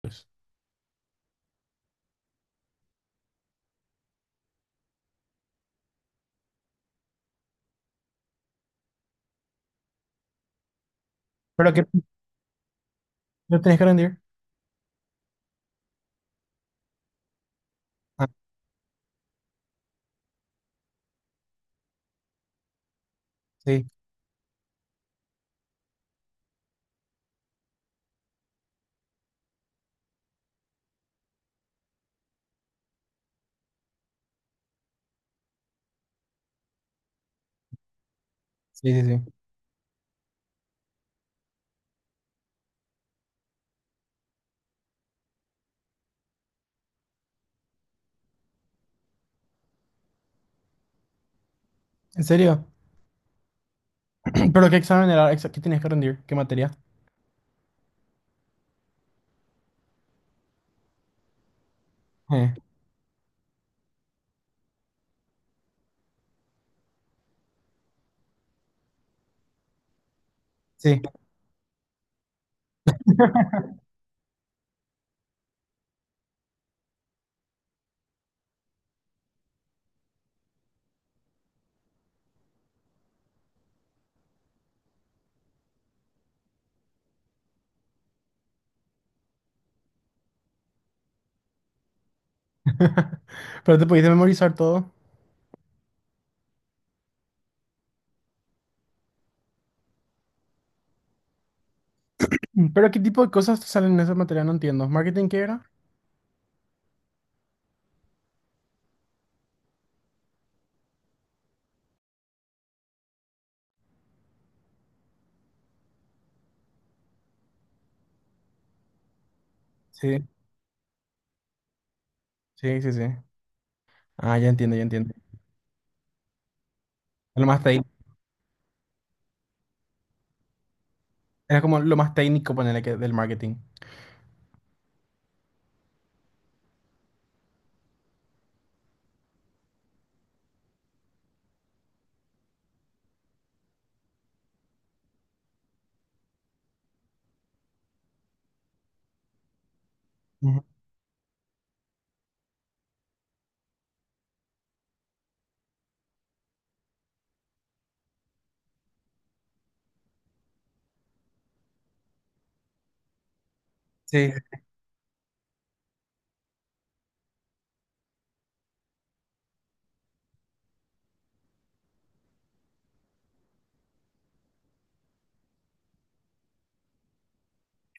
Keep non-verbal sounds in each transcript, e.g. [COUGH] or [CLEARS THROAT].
Pues. ¿Pero qué no tenés que rendir? Ah, sí, sí, sí, sí. ¿En serio? [CLEARS THROAT] ¿Pero qué examen era? Exa- ¿Qué tienes que rendir? ¿Qué materia? Eh, sí. [LAUGHS] Pero te pudiste memorizar todo. ¿Pero qué tipo de cosas te salen en esa materia? No entiendo. ¿Marketing qué era? Sí, sí, sí, sí. Ah, ya entiendo, ya entiendo. Lo más técnico. Era como lo más técnico, ponerle que del marketing. Ujú. Sí.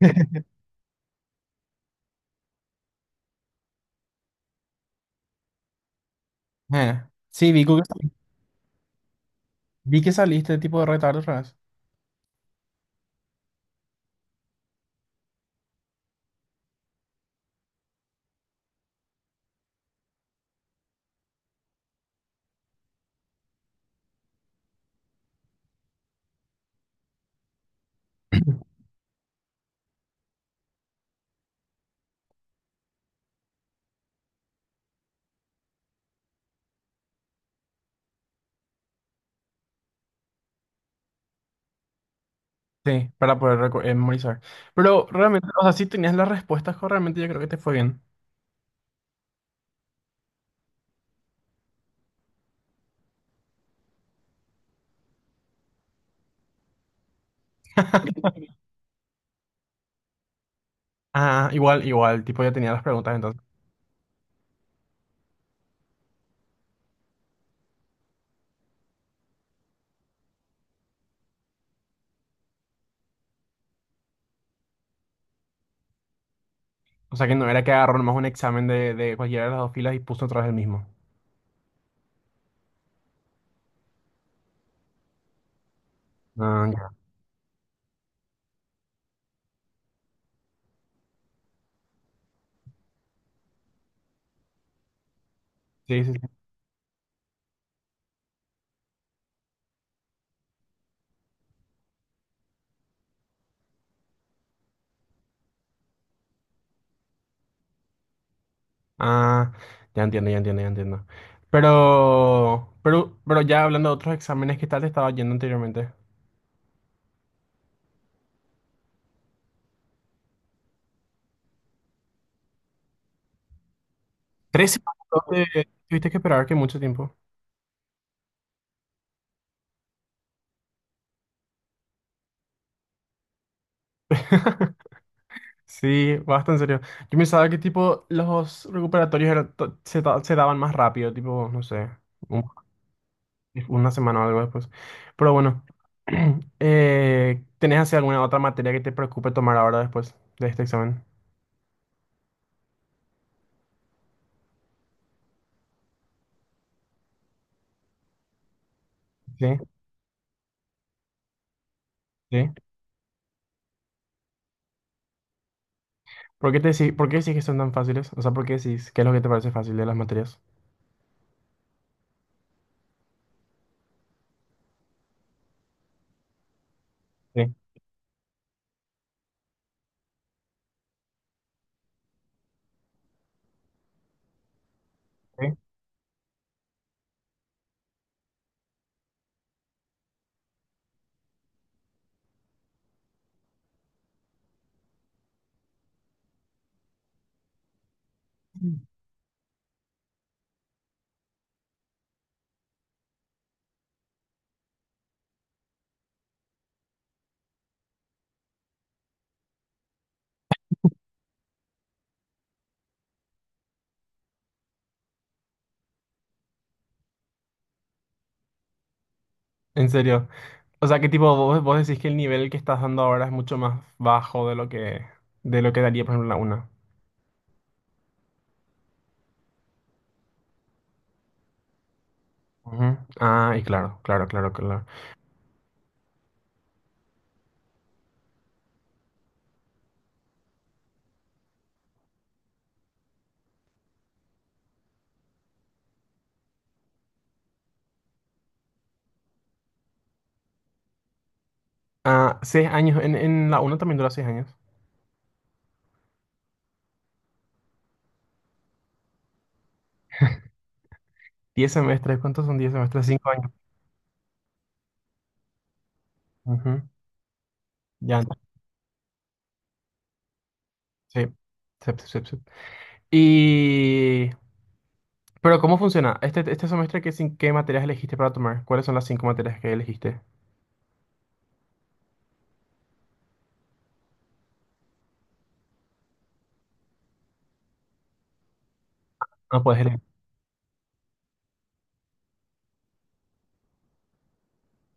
[LAUGHS] Bueno, sí, vi que saliste tipo de retardo otra vez. Sí, para poder reco- memorizar. Pero realmente, o sea, si tenías las respuestas correctamente, yo creo que te fue bien. Ah, igual, igual, tipo ya tenía las preguntas entonces. O sea que no era que agarró nomás un examen de cualquiera de las dos filas y puso otra vez el mismo. Ah, ya. Sí, sí, sí. Ah, ya entiendo, ya entiendo, ya entiendo. Pero ya hablando de otros exámenes, ¿qué tal te estaba yendo anteriormente? Tres semanas, ¿no? Tuviste que esperar que mucho tiempo. [LAUGHS] Sí, bastante serio. Yo pensaba que tipo los recuperatorios eran to- se, da- se daban más rápido, tipo, no sé, un- una semana o algo después. Pero bueno, [CLEARS THROAT] ¿tenés así alguna otra materia que te preocupe tomar ahora después de este examen? Sí, sí. ¿Por qué te decí- por qué decís que son tan fáciles? O sea, ¿por qué decís qué es lo que te parece fácil de las materias? Sí, sí. En serio. O sea, ¿qué tipo vos, vos decís que el nivel que estás dando ahora es mucho más bajo de lo que daría, por ejemplo, la una? Ujú. Ah, y claro, claro, claro, claro. Ah, seis años, en la uno también dura seis años. Diez semestres, ¿cuántos son diez semestres? Cinco años. Ujú. Ya, sí. Sep, sep, sep, sep. Y... Pero ¿cómo funciona? Este semestre, ¿qué, cin- qué materias elegiste para tomar? ¿Cuáles son las cinco materias que elegiste? No puedes elegir.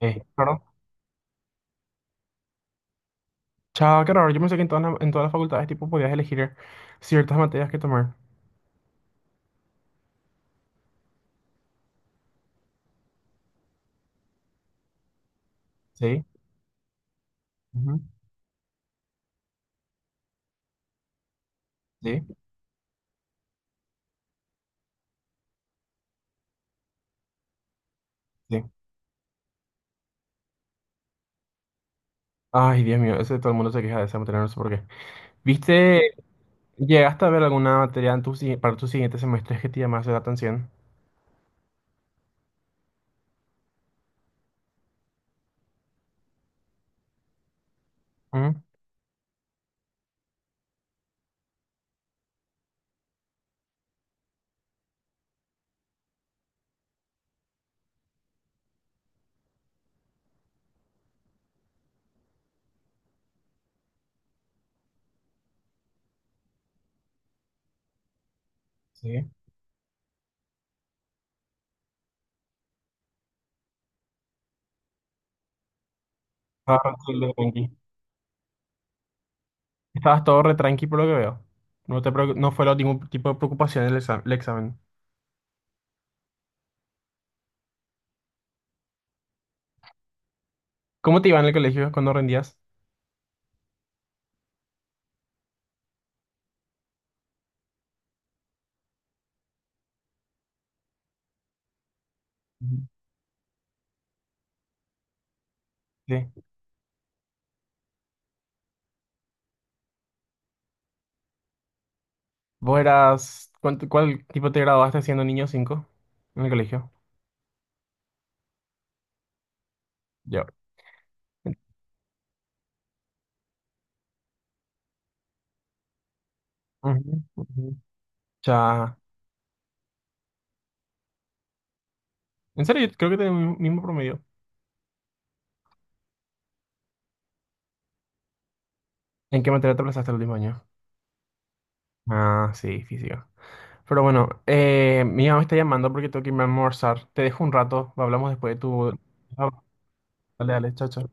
Claro. Chao, qué raro. Yo pensé que en todas las facultades tipo podías elegir ciertas materias que tomar. Sí. Ujú. Sí, sí. Ay, Dios mío, ese todo el mundo se queja de esa materia, no sé por qué. ¿Viste? ¿Llegaste a ver alguna materia en tu si- para tus siguientes semestres que te llamase la atención? ¿Mm? Sí. Estabas todo re tranqui. Estabas todo re tranqui por lo que veo. No te preocu- no fue ningún tipo de preocupación el exam- el examen. ¿Cómo te iba en el colegio cuando rendías? Ujú. Sí. ¿Vos eras, cuánto- cuál, tipo te graduaste siendo niño 5 en el colegio? Yo. Ujú, ujú. Ya. En serio, yo creo que tengo el mismo promedio. ¿En qué materia te aplazaste el último año? Ah, sí, física. Pero bueno, mi mamá me está llamando porque tengo que irme a almorzar. Te dejo un rato, hablamos después de tu... Ah, dale, dale, chao, chao.